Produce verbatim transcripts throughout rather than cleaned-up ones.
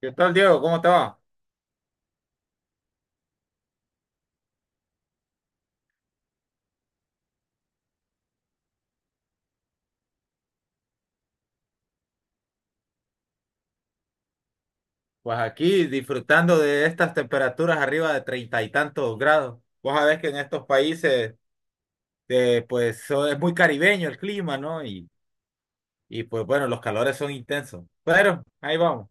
¿Qué tal, Diego? ¿Cómo te va? Pues aquí disfrutando de estas temperaturas arriba de treinta y tantos grados. Vos sabés que en estos países, eh, pues so- es muy caribeño el clima, ¿no? Y, y pues bueno, los calores son intensos. Pero ahí vamos.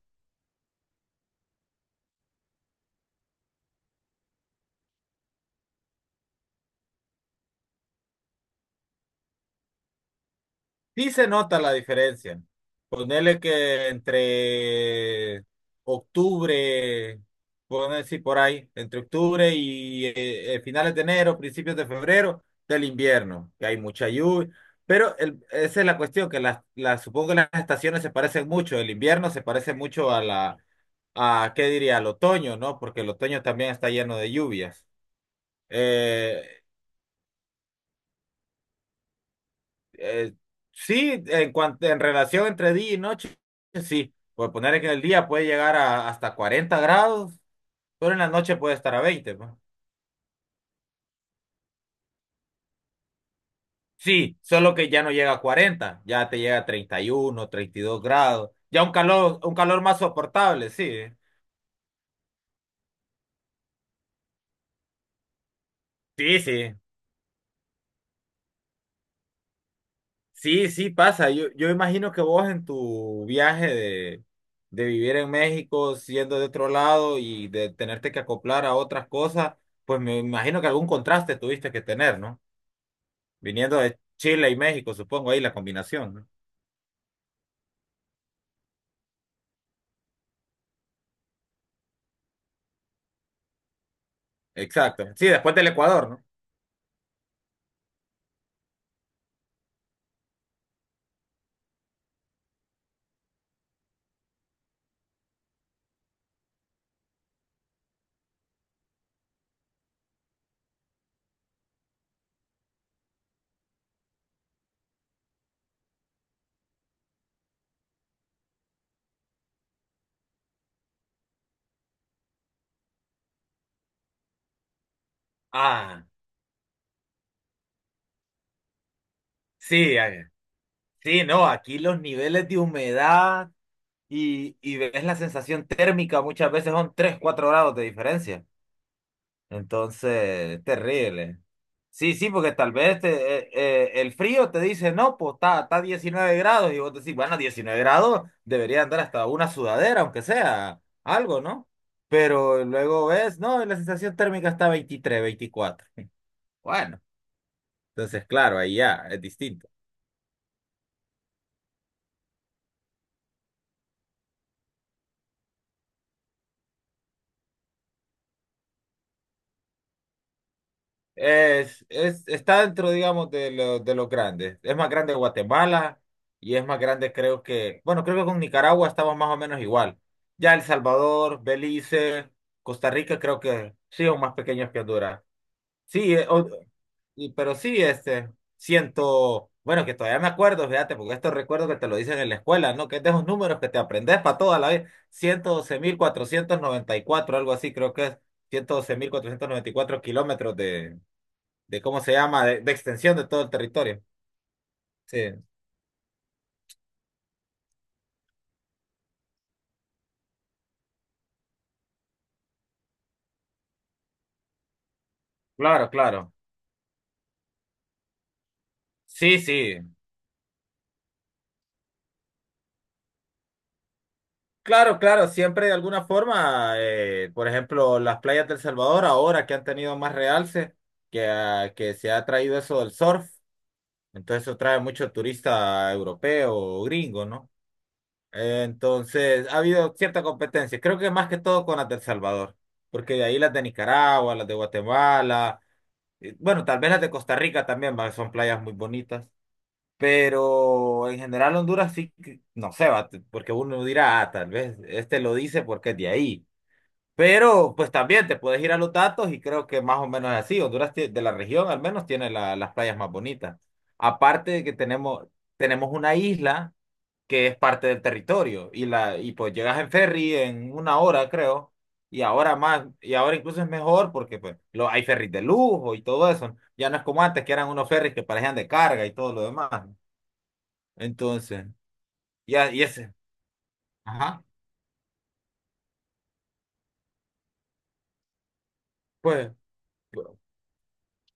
Sí se nota la diferencia. Ponele que entre octubre, poner decir por ahí, entre octubre y eh, eh, finales de enero, principios de febrero del invierno, que hay mucha lluvia. Pero el- esa es la cuestión, que las, las, supongo que las estaciones se parecen mucho. El invierno se parece mucho a la, a, ¿qué diría? Al otoño, ¿no? Porque el otoño también está lleno de lluvias. Eh, Eh, sí, en cuanto en relación entre día y noche, sí. Por poner que en el día puede llegar a hasta cuarenta grados, pero en la noche puede estar a veinte pues. Sí, solo que ya no llega a cuarenta, ya te llega a treinta, treinta y uno, treinta y dos grados. Ya un calor, un calor más soportable, sí. ¿Eh? Sí, sí. Sí, sí pasa. Yo, yo imagino que vos en tu viaje de, de vivir en México, siendo de otro lado y de tenerte que acoplar a otras cosas, pues me imagino que algún contraste tuviste que tener, ¿no? Viniendo de Chile y México, supongo, ahí la combinación, ¿no? Exacto. Sí, después del Ecuador, ¿no? Ah, sí, a- sí, no, aquí los niveles de humedad y, y ves la sensación térmica muchas veces son tres cuatro grados de diferencia. Entonces, terrible. Sí, sí, porque tal vez te- eh, eh, el frío te dice, no, pues está, está diecinueve grados y vos decís, bueno, diecinueve grados debería andar hasta una sudadera, aunque sea algo, ¿no? Pero luego ves, no, la sensación térmica está veintitrés veinticuatro. Bueno, entonces, claro, ahí ya es distinto. Es, es, está dentro, digamos, de, lo- de los grandes. Es más grande Guatemala y es más grande, creo que, bueno, creo que con Nicaragua estamos más o menos igual. Ya El Salvador, Belice, Costa Rica, creo que sí, son más pequeños que Honduras. Sí, eh, o- y- pero sí, este, siento, bueno, que todavía me acuerdo, fíjate, porque esto recuerdo que te lo dicen en la escuela, ¿no? Que es de esos números que te aprendes para toda la vida. Ciento doce mil cuatrocientos noventa y cuatro, algo así, creo que es ciento doce mil cuatrocientos noventa y cuatro kilómetros de de cómo se llama, de, de extensión de todo el territorio. Sí, claro, claro. Sí, sí. Claro, claro, siempre de alguna forma, eh, por ejemplo, las playas del Salvador ahora que han tenido más realce, que, ah, que se ha traído eso del surf, entonces eso trae mucho turista europeo o gringo, ¿no? Eh, entonces ha habido cierta competencia, creo que más que todo con las del Salvador, porque de ahí las de Nicaragua, las de Guatemala, eh, bueno, tal vez las de Costa Rica también, va, son playas muy bonitas. Pero en general Honduras sí, que- no sé, va, t- porque uno dirá, ah, tal vez este lo dice porque es de ahí. Pero pues también te puedes ir a los datos y creo que más o menos es así. Honduras, tie- de la región al menos, tiene la- las playas más bonitas. Aparte de que tenemos, tenemos una isla que es parte del territorio y, la, y pues llegas en ferry en una hora, creo. Y ahora más, y ahora incluso es mejor porque pues lo, hay ferries de lujo y todo eso. Ya no es como antes, que eran unos ferries que parecían de carga y todo lo demás. Entonces, ya, y ese, ajá, pues, pu-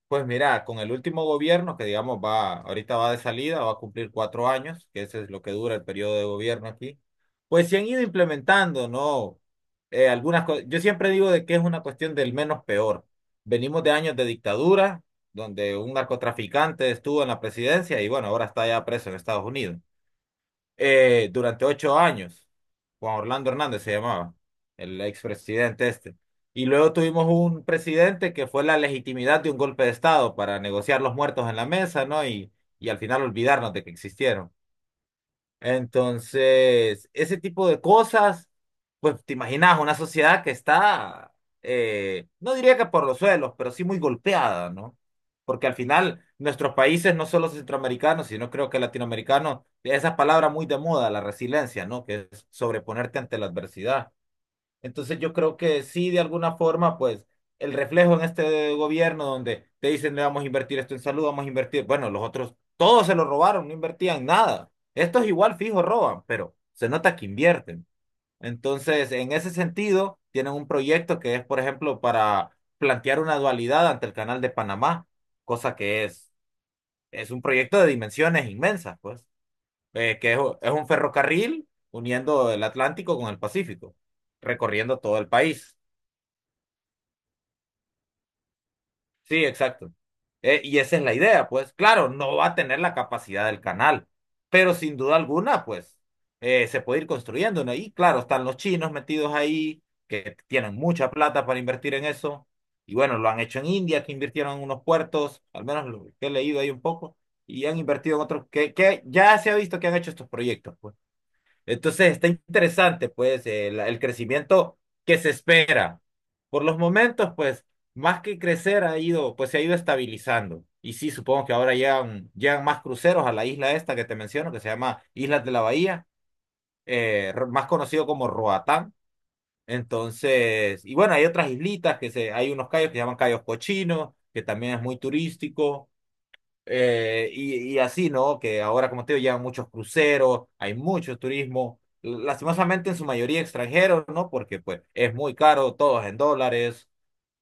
pues mira, con el último gobierno que digamos va, ahorita va de salida, va a cumplir cuatro años, que ese es lo que dura el periodo de gobierno aquí, pues se han ido implementando, ¿no? Eh, algunas cosas. Yo siempre digo de que es una cuestión del menos peor. Venimos de años de dictadura, donde un narcotraficante estuvo en la presidencia y, bueno, ahora está ya preso en Estados Unidos. eh, durante ocho años. Juan Orlando Hernández se llamaba, el expresidente este. Y luego tuvimos un presidente que fue la legitimidad de un golpe de Estado para negociar los muertos en la mesa, ¿no? Y, y al final olvidarnos de que existieron. Entonces, ese tipo de cosas, pues te imaginas una sociedad que está, eh, no diría que por los suelos, pero sí muy golpeada, ¿no? Porque al final nuestros países, no solo centroamericanos, sino creo que latinoamericanos, esa palabra muy de moda, la resiliencia, ¿no? Que es sobreponerte ante la adversidad. Entonces yo creo que sí, de alguna forma, pues el reflejo en este gobierno, donde te dicen: "Le vamos a invertir esto en salud, vamos a invertir". Bueno, los otros, todos se lo robaron, no invertían nada. Estos igual fijo roban, pero se nota que invierten. Entonces, en ese sentido, tienen un proyecto que es, por ejemplo, para plantear una dualidad ante el Canal de Panamá, cosa que es, es un proyecto de dimensiones inmensas, pues, eh, que es es un ferrocarril uniendo el Atlántico con el Pacífico, recorriendo todo el país. Sí, exacto. Eh, y esa es la idea. Pues claro, no va a tener la capacidad del canal, pero sin duda alguna, pues eh, se puede ir construyendo, ¿no? Y claro, están los chinos metidos ahí, que tienen mucha plata para invertir en eso. Y bueno, lo han hecho en India, que invirtieron en unos puertos, al menos lo que he leído ahí un poco, y han invertido en otros, que, que ya se ha visto que han hecho estos proyectos, pues. Entonces está interesante, pues, el, el crecimiento que se espera. Por los momentos, pues, más que crecer ha ido, pues se ha ido estabilizando. Y sí, supongo que ahora llegan, llegan más cruceros a la isla esta que te menciono, que se llama Islas de la Bahía, eh, ro- más conocido como Roatán. Entonces, y bueno, hay otras islitas que se, hay unos cayos que se llaman Cayos Cochinos, que también es muy turístico. Eh, y, y así, ¿no? Que ahora, como te digo, llegan muchos cruceros, hay mucho turismo, lastimosamente en su mayoría extranjeros, ¿no? Porque pues es muy caro, todo es en dólares.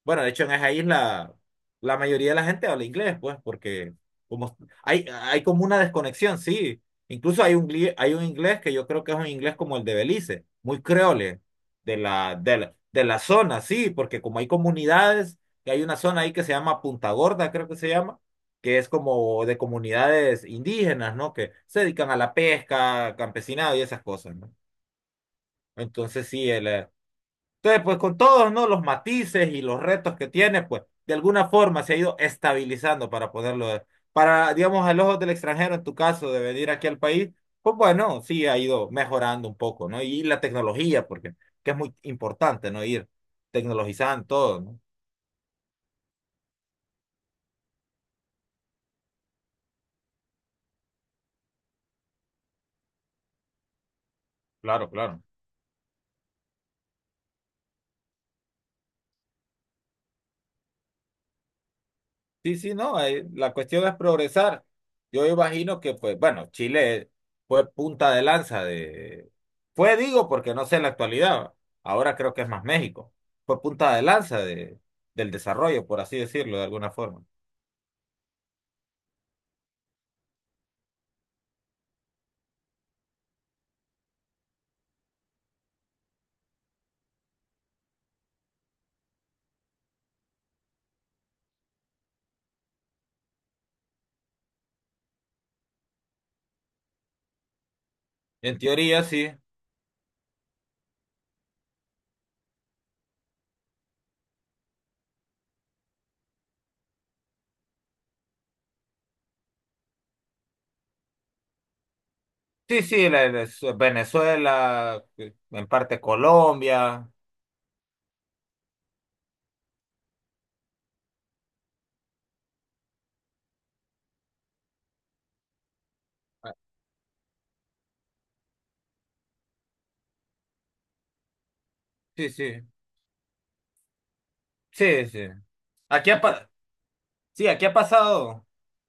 Bueno, de hecho, en esa isla la mayoría de la gente habla inglés, pues, porque como hay, hay como una desconexión, sí. Incluso hay un, gli- hay un inglés que yo creo que es un inglés como el de Belice, muy creole de la, de la, de la zona, sí, porque como hay comunidades, que hay una zona ahí que se llama Punta Gorda, creo que se llama, que es como de comunidades indígenas, ¿no? Que se dedican a la pesca, campesinado y esas cosas, ¿no? Entonces sí, el, eh, entonces, pues con todos, ¿no? Los matices y los retos que tiene, pues de alguna forma se ha ido estabilizando para poderlo, para, digamos, al ojo del extranjero, en tu caso, de venir aquí al país, pues bueno, sí ha ido mejorando un poco, ¿no? Y la tecnología, porque que es muy importante, ¿no? Ir tecnologizando todo, ¿no? Claro, claro. Sí, sí, no, eh, la cuestión es progresar. Yo imagino que, pues, bueno, Chile fue punta de lanza de. Fue, digo, porque no sé en la actualidad, ahora creo que es más México. Fue punta de lanza de, del desarrollo, por así decirlo, de alguna forma. En teoría, sí. Sí, sí, la- la- Venezuela, eh, en parte Colombia. Ah, sí, sí, sí, sí. Aquí ha, pa- sí, aquí ha pasado.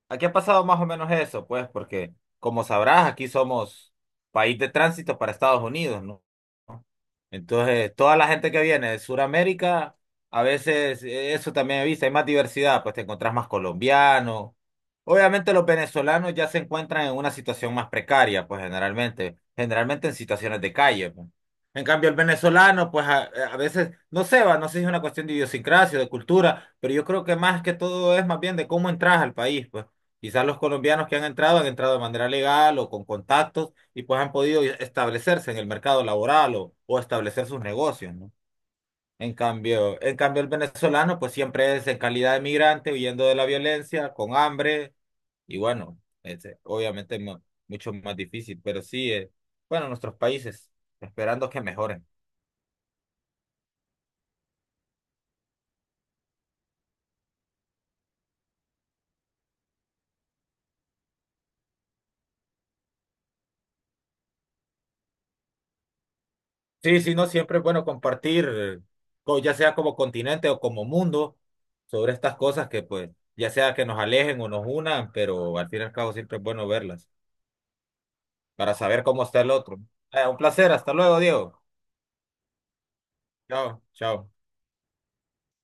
Aquí ha pasado más o menos eso, pues, porque como sabrás, aquí somos país de tránsito para Estados Unidos, ¿no? Entonces, toda la gente que viene de Sudamérica, a veces, eh, eso también he visto, hay más diversidad, pues te encontrás más colombianos. Obviamente los venezolanos ya se encuentran en una situación más precaria, pues generalmente, generalmente en situaciones de calle, pues. En cambio, el venezolano, pues a, eh, a veces, no sé, va, no sé si es una cuestión de idiosincrasia, de cultura, pero yo creo que más que todo es más bien de cómo entras al país, pues. Quizás los colombianos que han entrado han entrado de manera legal o con contactos, y pues han podido establecerse en el mercado laboral o, o establecer sus negocios, ¿no? En cambio, en cambio el venezolano pues siempre es en calidad de migrante, huyendo de la violencia, con hambre, y bueno, este, obviamente mu- mucho más difícil. Pero sí, eh, bueno, nuestros países, esperando que mejoren. Sí, sí, no, siempre es bueno compartir, eh, co- ya sea como continente o como mundo, sobre estas cosas que pues, ya sea que nos alejen o nos unan, pero al fin y al cabo siempre es bueno verlas para saber cómo está el otro. Eh, un placer. Hasta luego, Diego. Chao, chao.